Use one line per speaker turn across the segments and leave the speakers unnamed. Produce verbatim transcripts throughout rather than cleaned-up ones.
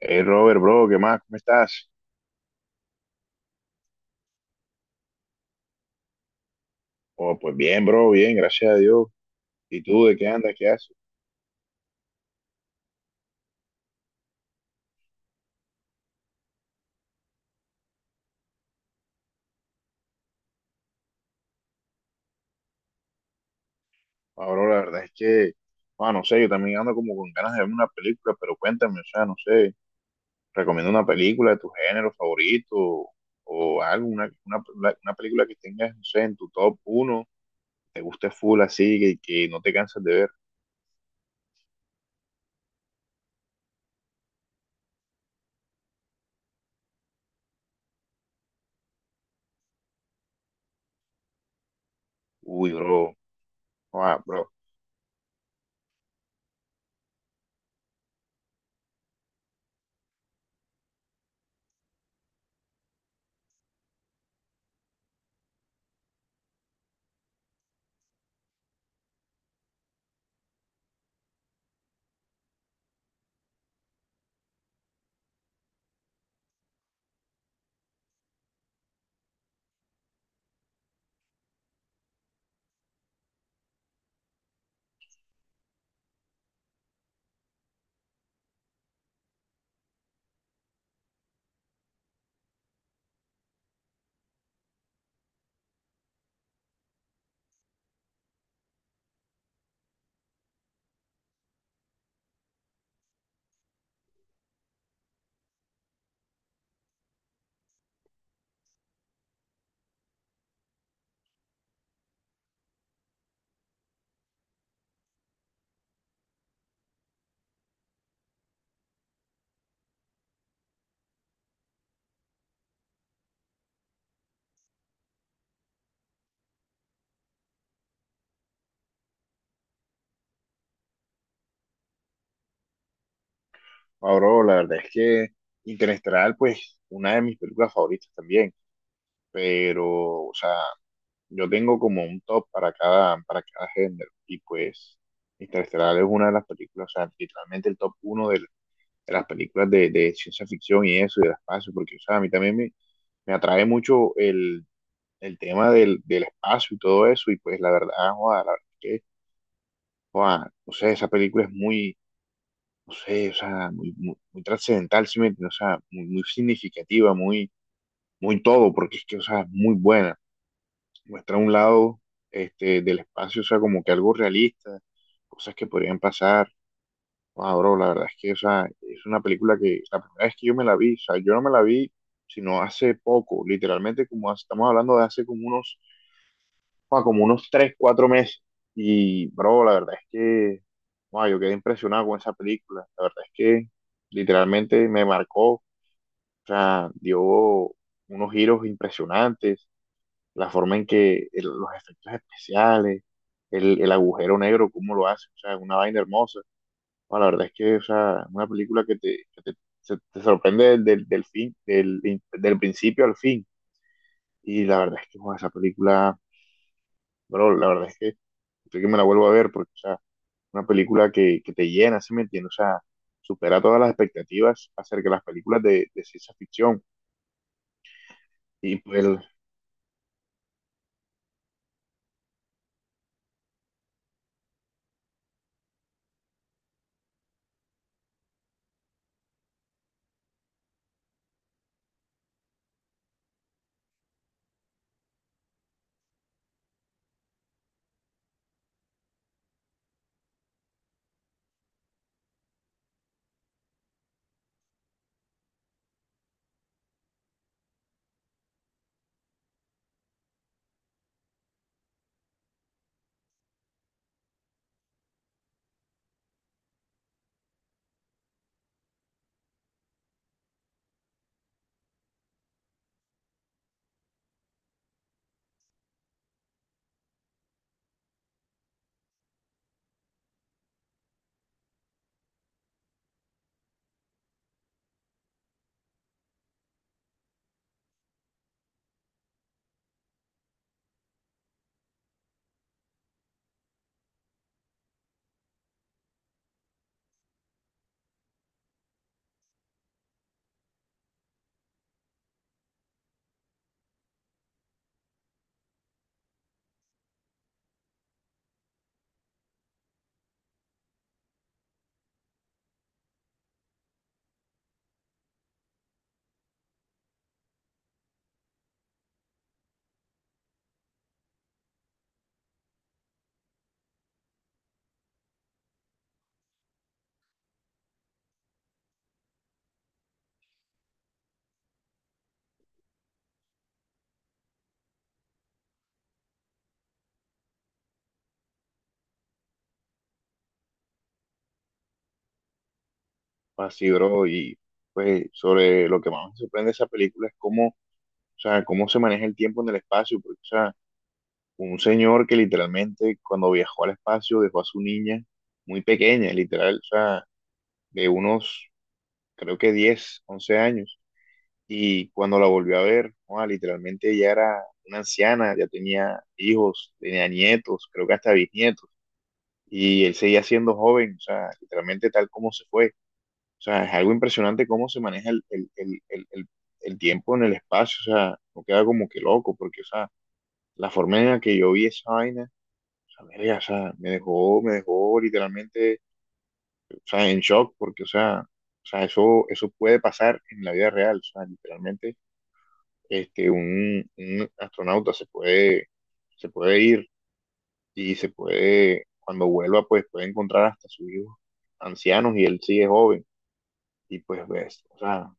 Hey Robert, bro, ¿qué más? ¿Cómo estás? Oh, pues bien, bro, bien, gracias a Dios. ¿Y tú de qué andas? ¿Qué haces? Ah, bro, la verdad es que, ah, no sé, yo también ando como con ganas de ver una película, pero cuéntame, o sea, no sé, recomiendo una película de tu género favorito o algo, una, una, una película que tengas, no sé, en tu top uno, te guste full así, que, que no te cansas de ver. Uy, bro, ah, bro, ah, bro, la verdad es que Interestelar, pues, una de mis películas favoritas también. Pero, o sea, yo tengo como un top para cada, para cada género, y pues Interestelar es una de las películas, o sea, literalmente el top uno de, de las películas de, de ciencia ficción y eso, y del espacio, porque, o sea, a mí también me, me atrae mucho el, el tema del, del espacio y todo eso, y pues la verdad, joda, la verdad que, joda, no sé, esa película es muy, no sé, o sea, muy, muy, muy trascendental, ¿sí me entiendes? O sea, muy, muy significativa, muy, muy todo, porque es que, o sea, es muy buena. Muestra un lado este, del espacio, o sea, como que algo realista, cosas que podrían pasar. Wow, bro, la verdad es que, o sea, es una película que la primera vez que yo me la vi, o sea, yo no me la vi sino hace poco, literalmente, como hace- estamos hablando de hace como unos, wow, como unos tres cuatro meses. Y, bro, la verdad es que, wow, yo quedé impresionado con esa película. La verdad es que literalmente me marcó, o sea, dio unos giros impresionantes la forma en que el- los efectos especiales, el, el agujero negro, cómo lo hace, o sea, es una vaina hermosa. No, la verdad es que, o sea, una película que te, que te, se- te sorprende del, del, del fin, del, in- del principio al fin. Y la verdad es que, joder, esa película, bro, la verdad es que creo que me la vuelvo a ver porque, o sea, una película que, que te llena, ¿sí me entiendes? O sea, supera todas las expectativas acerca de las películas de, de ciencia ficción. Y pues, así, bro, y pues sobre lo que más me sorprende de esa película es cómo, o sea, cómo se maneja el tiempo en el espacio, porque, o sea, un señor que literalmente cuando viajó al espacio dejó a su niña muy pequeña, literal, o sea, de unos, creo que diez once años, y cuando la volvió a ver, joda, literalmente ella era una anciana, ya tenía hijos, tenía nietos, creo que hasta bisnietos, y él seguía siendo joven, o sea, literalmente tal como se fue. O sea, es algo impresionante cómo se maneja el, el, el, el, el- el tiempo en el espacio, o sea, no queda como que loco, porque, o sea, la forma en la que yo vi esa vaina, o sea, verga, o sea, me dejó, me dejó literalmente, o sea, en shock, porque, o sea, o sea, eso, eso puede pasar en la vida real, o sea, literalmente, este, un, un astronauta se puede, se puede ir y se puede, cuando vuelva, pues puede encontrar hasta sus hijos ancianos y él sigue joven, y pues ves, o sea,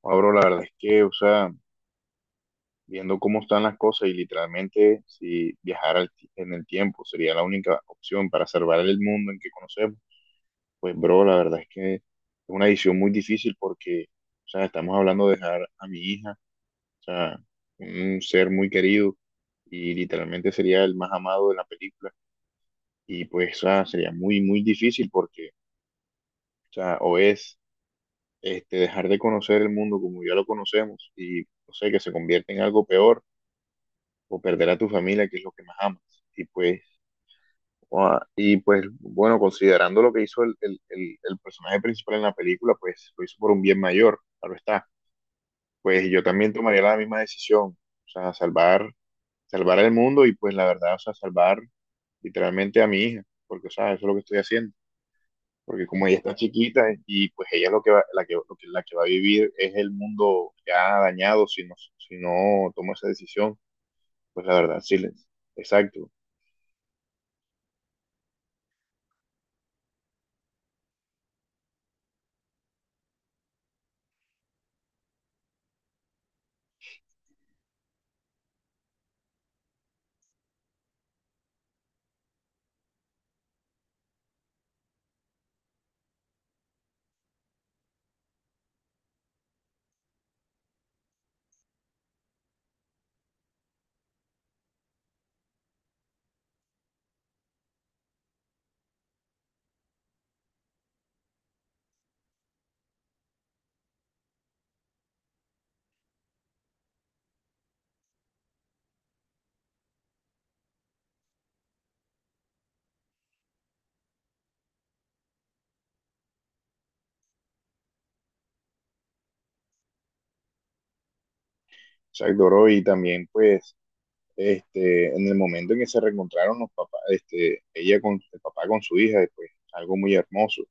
Pablo, la verdad es que, o sea, viendo cómo están las cosas y literalmente si viajar al ti- en el tiempo sería la única opción para salvar el mundo en que conocemos, pues bro, la verdad es que es una decisión muy difícil porque, o sea, estamos hablando de dejar a mi hija, o sea, un ser muy querido y literalmente sería el más amado de la película y pues, o sea, sería muy, muy difícil porque, o sea, o es este, dejar de conocer el mundo como ya lo conocemos y, no sé, que se convierte en algo peor o perder a tu familia, que es lo que más amas. Y pues, ah, y pues bueno, considerando lo que hizo el, el, el, el personaje principal en la película, pues lo hizo por un bien mayor, claro está. Pues yo también tomaría la misma decisión, o sea, salvar, salvar el mundo y pues la verdad, o sea, salvar literalmente a mi hija, porque, o sea, eso es lo que estoy haciendo. Porque como ella está chiquita y pues ella es lo que va, la que, lo que- la que va a vivir es el mundo ya dañado si no, si no tomo esa decisión, pues la verdad, sí, les- exacto. Exacto, bro, y también pues este, en el momento en que se reencontraron los papás, este, ella con el papá con su hija, pues algo muy hermoso,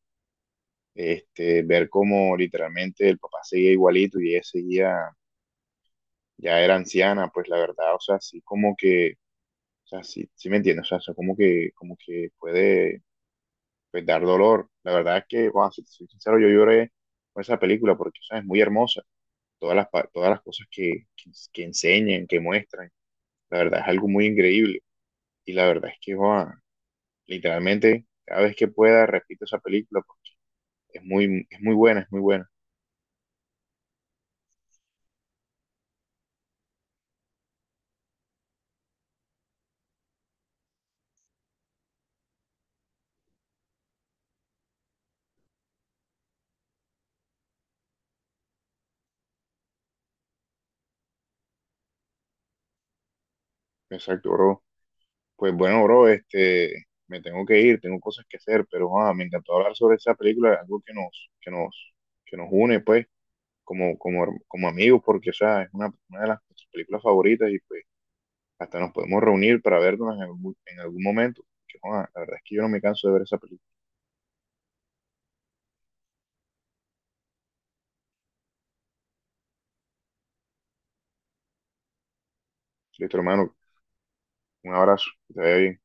este, ver cómo literalmente el papá seguía igualito y ella seguía, ya era anciana, pues la verdad, o sea, sí como que, o sea, sí, sí me entiendes, o sea, eso como que, como que puede pues, dar dolor, la verdad es que, bueno, si te soy sincero, yo lloré con esa película porque, o sea, es muy hermosa, todas las, pa- todas las cosas que, que, que enseñan, que muestran, la verdad es algo muy increíble. Y la verdad es que, joa, literalmente, cada vez que pueda, repito esa película porque es muy, es muy buena, es muy buena. Exacto, bro. Pues bueno, bro, este, me tengo que ir, tengo cosas que hacer, pero joa, me encantó hablar sobre esa película, algo que nos, que nos, que nos une, pues, como, como, her- como amigos, porque, o sea, es una, una de las películas favoritas y pues hasta nos podemos reunir para vernos en algún, en algún momento. Que, joa, la verdad es que yo no me canso de ver esa película. Listo, hermano, un abrazo, que te vaya bien.